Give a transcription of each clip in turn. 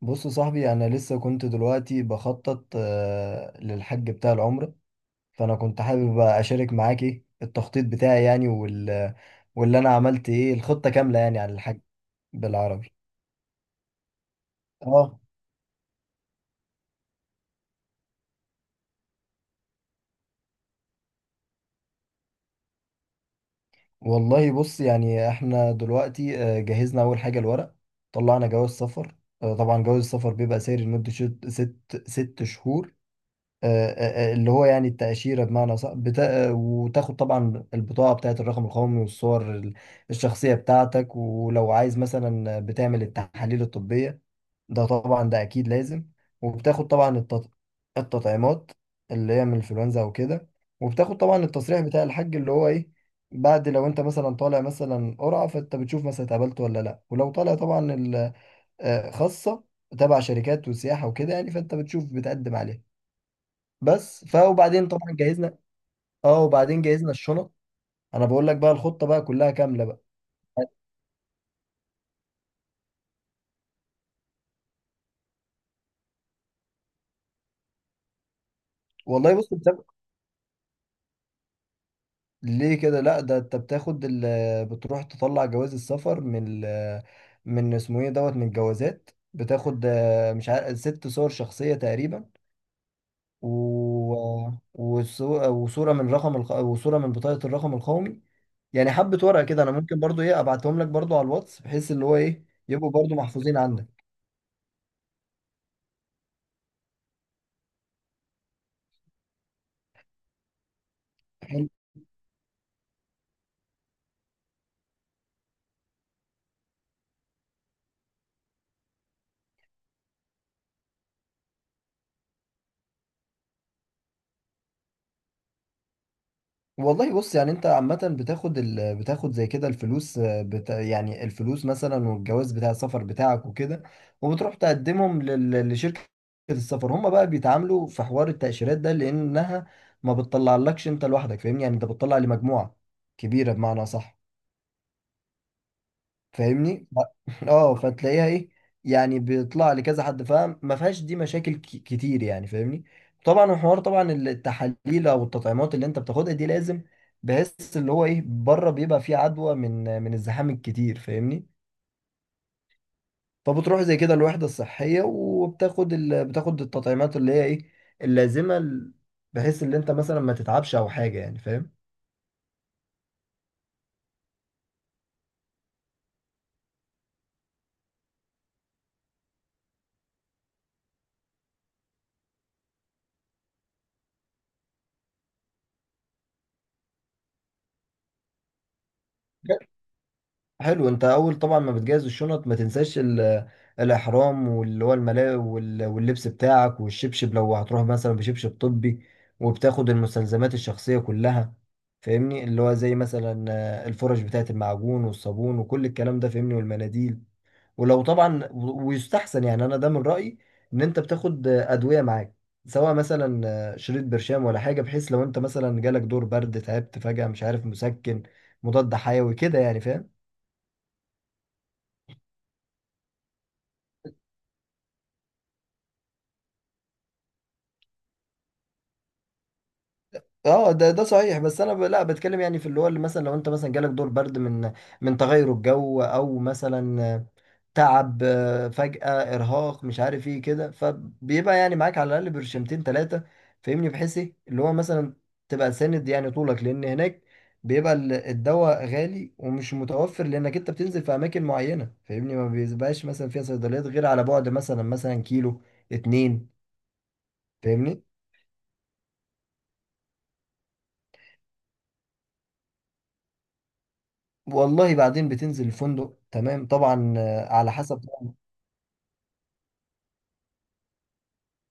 بص يا صاحبي، انا لسه كنت دلوقتي بخطط، للحج بتاع العمرة. فانا كنت حابب بقى اشارك معاك ايه التخطيط بتاعي، يعني واللي انا عملت، ايه، الخطة كاملة يعني عن الحج بالعربي. اه، والله بص، يعني احنا دلوقتي، جهزنا اول حاجة الورق. طلعنا جواز سفر. طبعا جواز السفر بيبقى ساري لمدة ست شهور. اللي هو يعني التأشيرة بمعنى صح. وتاخد طبعا البطاقة بتاعة الرقم القومي، والصور الشخصية بتاعتك. ولو عايز، مثلا بتعمل التحاليل الطبية، ده طبعا ده أكيد لازم. وبتاخد طبعا التطعيمات اللي هي من الإنفلونزا أو كده. وبتاخد طبعا التصريح بتاع الحج اللي هو إيه، بعد لو أنت مثلا طالع مثلا قرعة، فأنت بتشوف مثلا اتقبلت ولا لأ. ولو طالع طبعا خاصة تبع شركات وسياحة وكده، يعني فأنت بتشوف بتقدم عليها. بس وبعدين طبعا جهزنا، اه، وبعدين جهزنا الشنط. انا بقول لك بقى الخطه بقى كلها كامله بقى. والله بص انت، ليه كده؟ لا، ده انت بتروح تطلع جواز السفر من من اسمه ايه دوت من الجوازات. بتاخد، مش عارف، ست صور شخصيه تقريبا، و... وصوره من وصوره من بطاقه الرقم القومي. يعني حبه ورقه كده. انا ممكن برضو، ايه، ابعتهم لك برضو على الواتس، بحيث اللي هو ايه، يبقوا برضو محفوظين عندك. والله بص، يعني انت عامة بتاخد زي كده الفلوس، يعني الفلوس مثلا، والجواز بتاع السفر بتاعك وكده. وبتروح تقدمهم لشركة السفر. هم بقى بيتعاملوا في حوار التأشيرات ده، لأنها ما بتطلعلكش انت لوحدك، فاهمني؟ يعني انت بتطلع لمجموعة كبيرة بمعنى صح. فاهمني؟ اه، فتلاقيها، ايه، يعني بيطلع لكذا حد، فاهم؟ ما فيهاش دي مشاكل كتير يعني، فاهمني؟ طبعا الحوار، طبعا التحاليل او التطعيمات اللي انت بتاخدها دي لازم، بحيث اللي هو ايه، بره بيبقى فيه عدوى من الزحام الكتير، فاهمني؟ فبتروح زي كده الوحدة الصحية، وبتاخد بتاخد التطعيمات اللي هي ايه، اللازمة، بحيث ان انت مثلا ما تتعبش او حاجة، يعني فاهم؟ حلو. انت اول طبعا ما بتجهز الشنط، ما تنساش الاحرام، واللي هو الملاء واللبس بتاعك، والشبشب لو هتروح مثلا بشبشب طبي. وبتاخد المستلزمات الشخصية كلها، فاهمني؟ اللي هو زي مثلا، الفرش بتاعة المعجون والصابون وكل الكلام ده، فاهمني، والمناديل. ولو طبعا ويستحسن يعني، انا ده من رأيي، ان انت بتاخد، ادوية معاك، سواء مثلا، شريط برشام ولا حاجة، بحيث لو انت مثلا جالك دور برد، تعبت فجأة، مش عارف، مسكن، مضاد حيوي كده يعني، فاهم؟ اه، ده ده صحيح. بس انا لا، بتكلم يعني في اللي هو، اللي مثلا لو انت مثلا جالك دور برد من، من تغير الجو، او مثلا تعب، فجأة، ارهاق، مش عارف ايه كده. فبيبقى يعني معاك على الاقل برشمتين ثلاثة، فاهمني؟ بحيث ايه، اللي هو مثلا تبقى ساند يعني طولك، لان هناك بيبقى الدواء غالي ومش متوفر، لانك انت بتنزل في اماكن معينة، فاهمني؟ ما بيبقاش مثلا فيها صيدليات غير على بعد، مثلا مثلا، كيلو اتنين، فاهمني؟ والله بعدين بتنزل الفندق، تمام؟ طبعا، على حسب طبعا.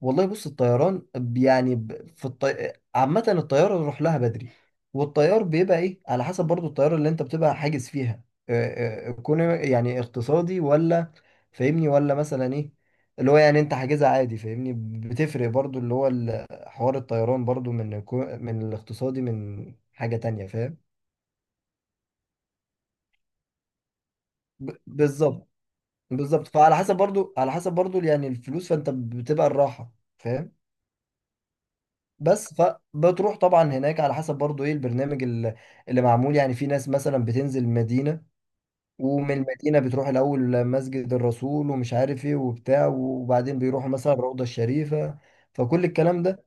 والله بص، الطيران، يعني عامة الطيارة نروح لها بدري. والطيار بيبقى ايه على حسب، برضو الطيارة اللي انت بتبقى حاجز فيها، كون يعني اقتصادي، ولا، فاهمني؟ ولا مثلا ايه، اللي هو يعني انت حاجزها عادي، فاهمني؟ بتفرق برضو اللي هو حوار الطيران، برضو من من الاقتصادي، من حاجة تانية، فاهم؟ بالظبط. بالظبط. فعلى حسب برضو، على حسب برضو يعني الفلوس، فانت بتبقى الراحة، فاهم؟ بس فبتروح طبعا هناك على حسب برضو ايه البرنامج اللي معمول. يعني في ناس مثلا بتنزل مدينة، ومن المدينة بتروح الأول مسجد الرسول، ومش عارف ايه وبتاع، وبعدين بيروحوا مثلا الروضة الشريفة، فكل الكلام ده.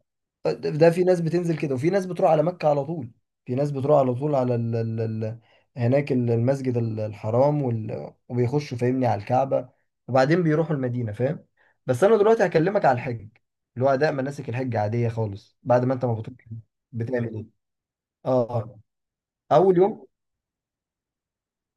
ده في ناس بتنزل كده، وفي ناس بتروح على مكة على طول. في ناس بتروح على طول على ال هناك، المسجد الحرام، وبيخشوا فاهمني على الكعبة، وبعدين بيروحوا المدينة، فاهم؟ بس أنا دلوقتي هكلمك على الحج، اللي هو أداء مناسك الحج عادية خالص، بعد ما أنت ما بتروح بتعمل إيه؟ آه، آه. أول يوم،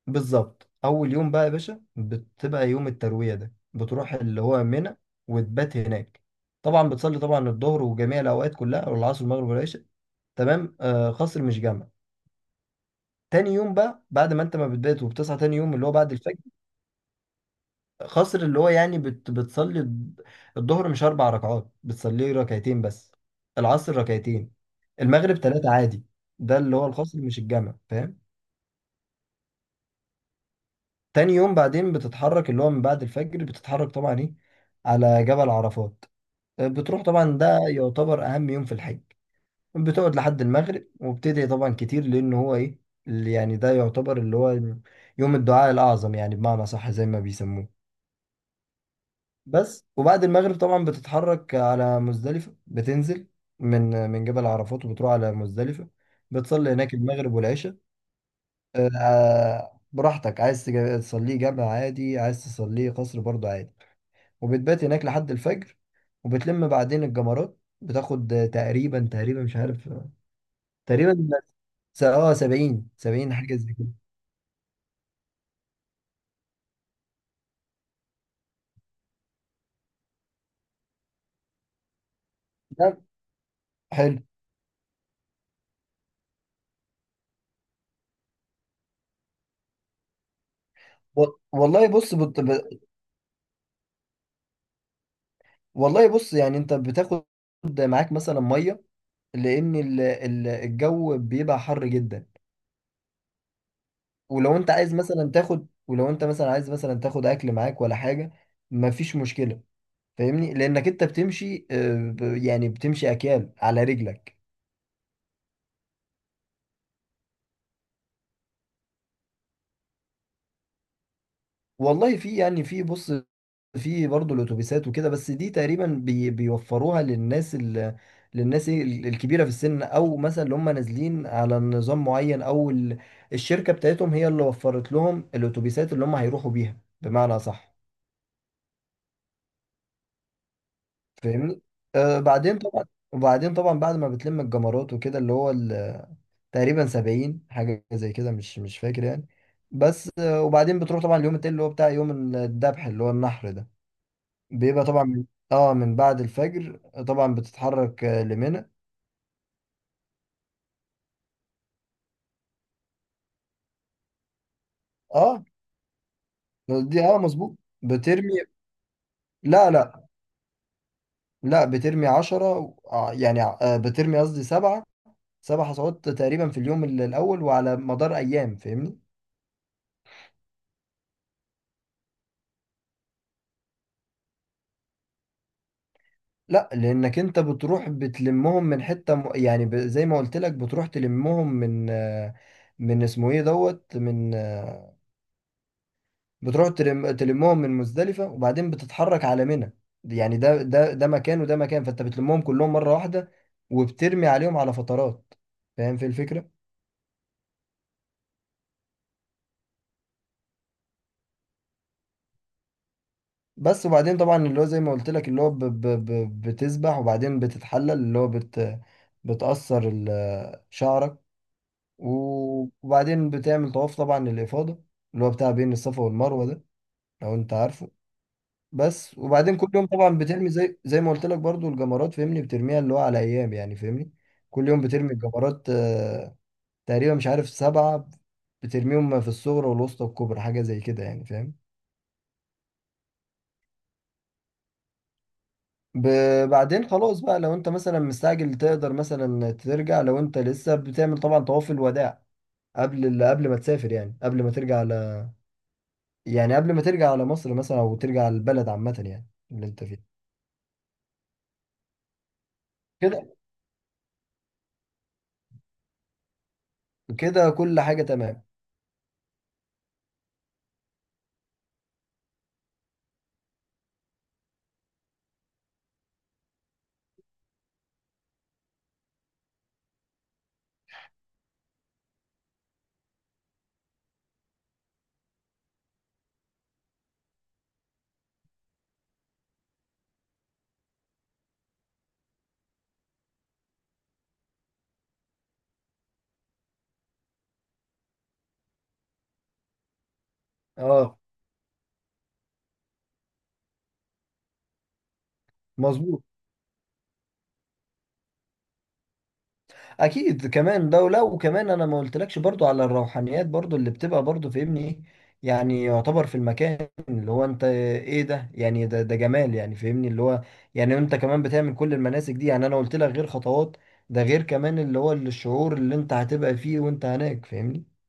بالظبط، أول يوم بقى يا باشا بتبقى يوم التروية، ده بتروح اللي هو منى، وتبات هناك. طبعا بتصلي طبعا الظهر وجميع الأوقات كلها، والعصر والمغرب والعشاء. تمام. آه، خصر مش جمع. تاني يوم بقى، بعد ما انت ما بتبات، وبتصحى تاني يوم اللي هو بعد الفجر. خصر اللي هو يعني بتصلي الظهر مش اربع ركعات، بتصلي ركعتين بس، العصر ركعتين، المغرب ثلاثة عادي. ده اللي هو الخصر مش الجمع، فاهم؟ تاني يوم بعدين بتتحرك، اللي هو من بعد الفجر بتتحرك طبعا، ايه، على جبل عرفات. بتروح طبعا، ده يعتبر اهم يوم في الحج. بتقعد لحد المغرب، وبتدعي طبعا كتير، لان هو ايه، اللي يعني ده يعتبر اللي هو يوم الدعاء الاعظم يعني، بمعنى صح زي ما بيسموه. بس. وبعد المغرب طبعا بتتحرك على مزدلفة. بتنزل من جبل عرفات، وبتروح على مزدلفة. بتصلي هناك المغرب والعشاء. براحتك، عايز تصليه جامع عادي، عايز تصليه قصر برضه عادي. وبتبات هناك لحد الفجر. وبتلم بعدين الجمرات، بتاخد تقريبا، تقريبا مش عارف تقريبا س- اه 70 70 حاجه زي كده. ده حلو. و- والله بص بت... ب... والله بص، يعني انت بتاخد معاك مثلا ميه، لان الجو بيبقى حر جدا. ولو انت عايز مثلا تاخد، ولو انت مثلا عايز مثلا تاخد اكل معاك ولا حاجه، مفيش مشكله، فاهمني؟ لانك انت بتمشي، يعني بتمشي اكيال على رجلك. والله في، يعني في، بص، في برضه الاتوبيسات وكده، بس دي تقريبا بيوفروها للناس للناس إيه، الكبيره في السن، او مثلا اللي هم نازلين على نظام معين، او الشركه بتاعتهم هي اللي وفرت لهم الاتوبيسات اللي هم هيروحوا بيها، بمعنى صح، فاهمني؟ آه، بعدين طبعا. وبعدين طبعا بعد ما بتلم الجمرات وكده، اللي هو تقريبا 70 حاجه زي كده، مش فاكر يعني. بس، آه، وبعدين بتروح طبعا اليوم التاني اللي هو بتاع يوم الذبح اللي هو النحر ده. بيبقى طبعا من، اه، من بعد الفجر. طبعا بتتحرك، لمنى. اه، دي اه مظبوط، بترمي. لا، لا بترمي عشرة، بترمي، قصدي، سبعة. سبع حصوات تقريبا في اليوم الأول، وعلى مدار أيام، فاهمني؟ لا، لأنك أنت بتروح بتلمهم من حتة يعني زي ما قلت لك، بتروح تلمهم من، من اسمه إيه دوت، من، تلمهم من مزدلفة، وبعدين بتتحرك على منى. يعني ده مكان، وده مكان، فانت بتلمهم كلهم مرة واحدة، وبترمي عليهم على فترات. فاهم في الفكرة؟ بس. وبعدين طبعا اللي هو زي ما قلت لك، اللي هو بتسبح، وبعدين بتتحلل اللي هو بتأثر شعرك. وبعدين بتعمل طواف طبعا للإفاضة، اللي هو بتاع بين الصفا والمروة ده، لو انت عارفه. بس. وبعدين كل يوم طبعا بترمي، زي ما قلت لك برضو، الجمرات، فاهمني؟ بترميها اللي هو على ايام يعني، فاهمني؟ كل يوم بترمي الجمرات، تقريبا، مش عارف، سبعة. بترميهم في الصغرى والوسطى والكبرى، حاجة زي كده يعني، فاهم؟ بعدين خلاص بقى، لو انت مثلا مستعجل تقدر مثلا ترجع، لو انت لسه بتعمل طبعا طواف الوداع قبل قبل ما تسافر، يعني قبل ما ترجع على، يعني قبل ما ترجع على مصر مثلا، او ترجع على البلد عامة يعني، اللي انت فيه كده. كده كل حاجة تمام. اه، مظبوط. اكيد، كمان دولة. وكمان انا ما قلتلكش برضو على الروحانيات برضو اللي بتبقى برضو، فاهمني؟ ايه يعني، يعتبر في المكان اللي هو انت ايه ده، يعني ده جمال يعني، فاهمني؟ اللي هو، يعني انت كمان بتعمل كل المناسك دي، يعني انا قلت لك غير خطوات، ده غير كمان اللي هو الشعور اللي انت هتبقى فيه وانت هناك، فاهمني؟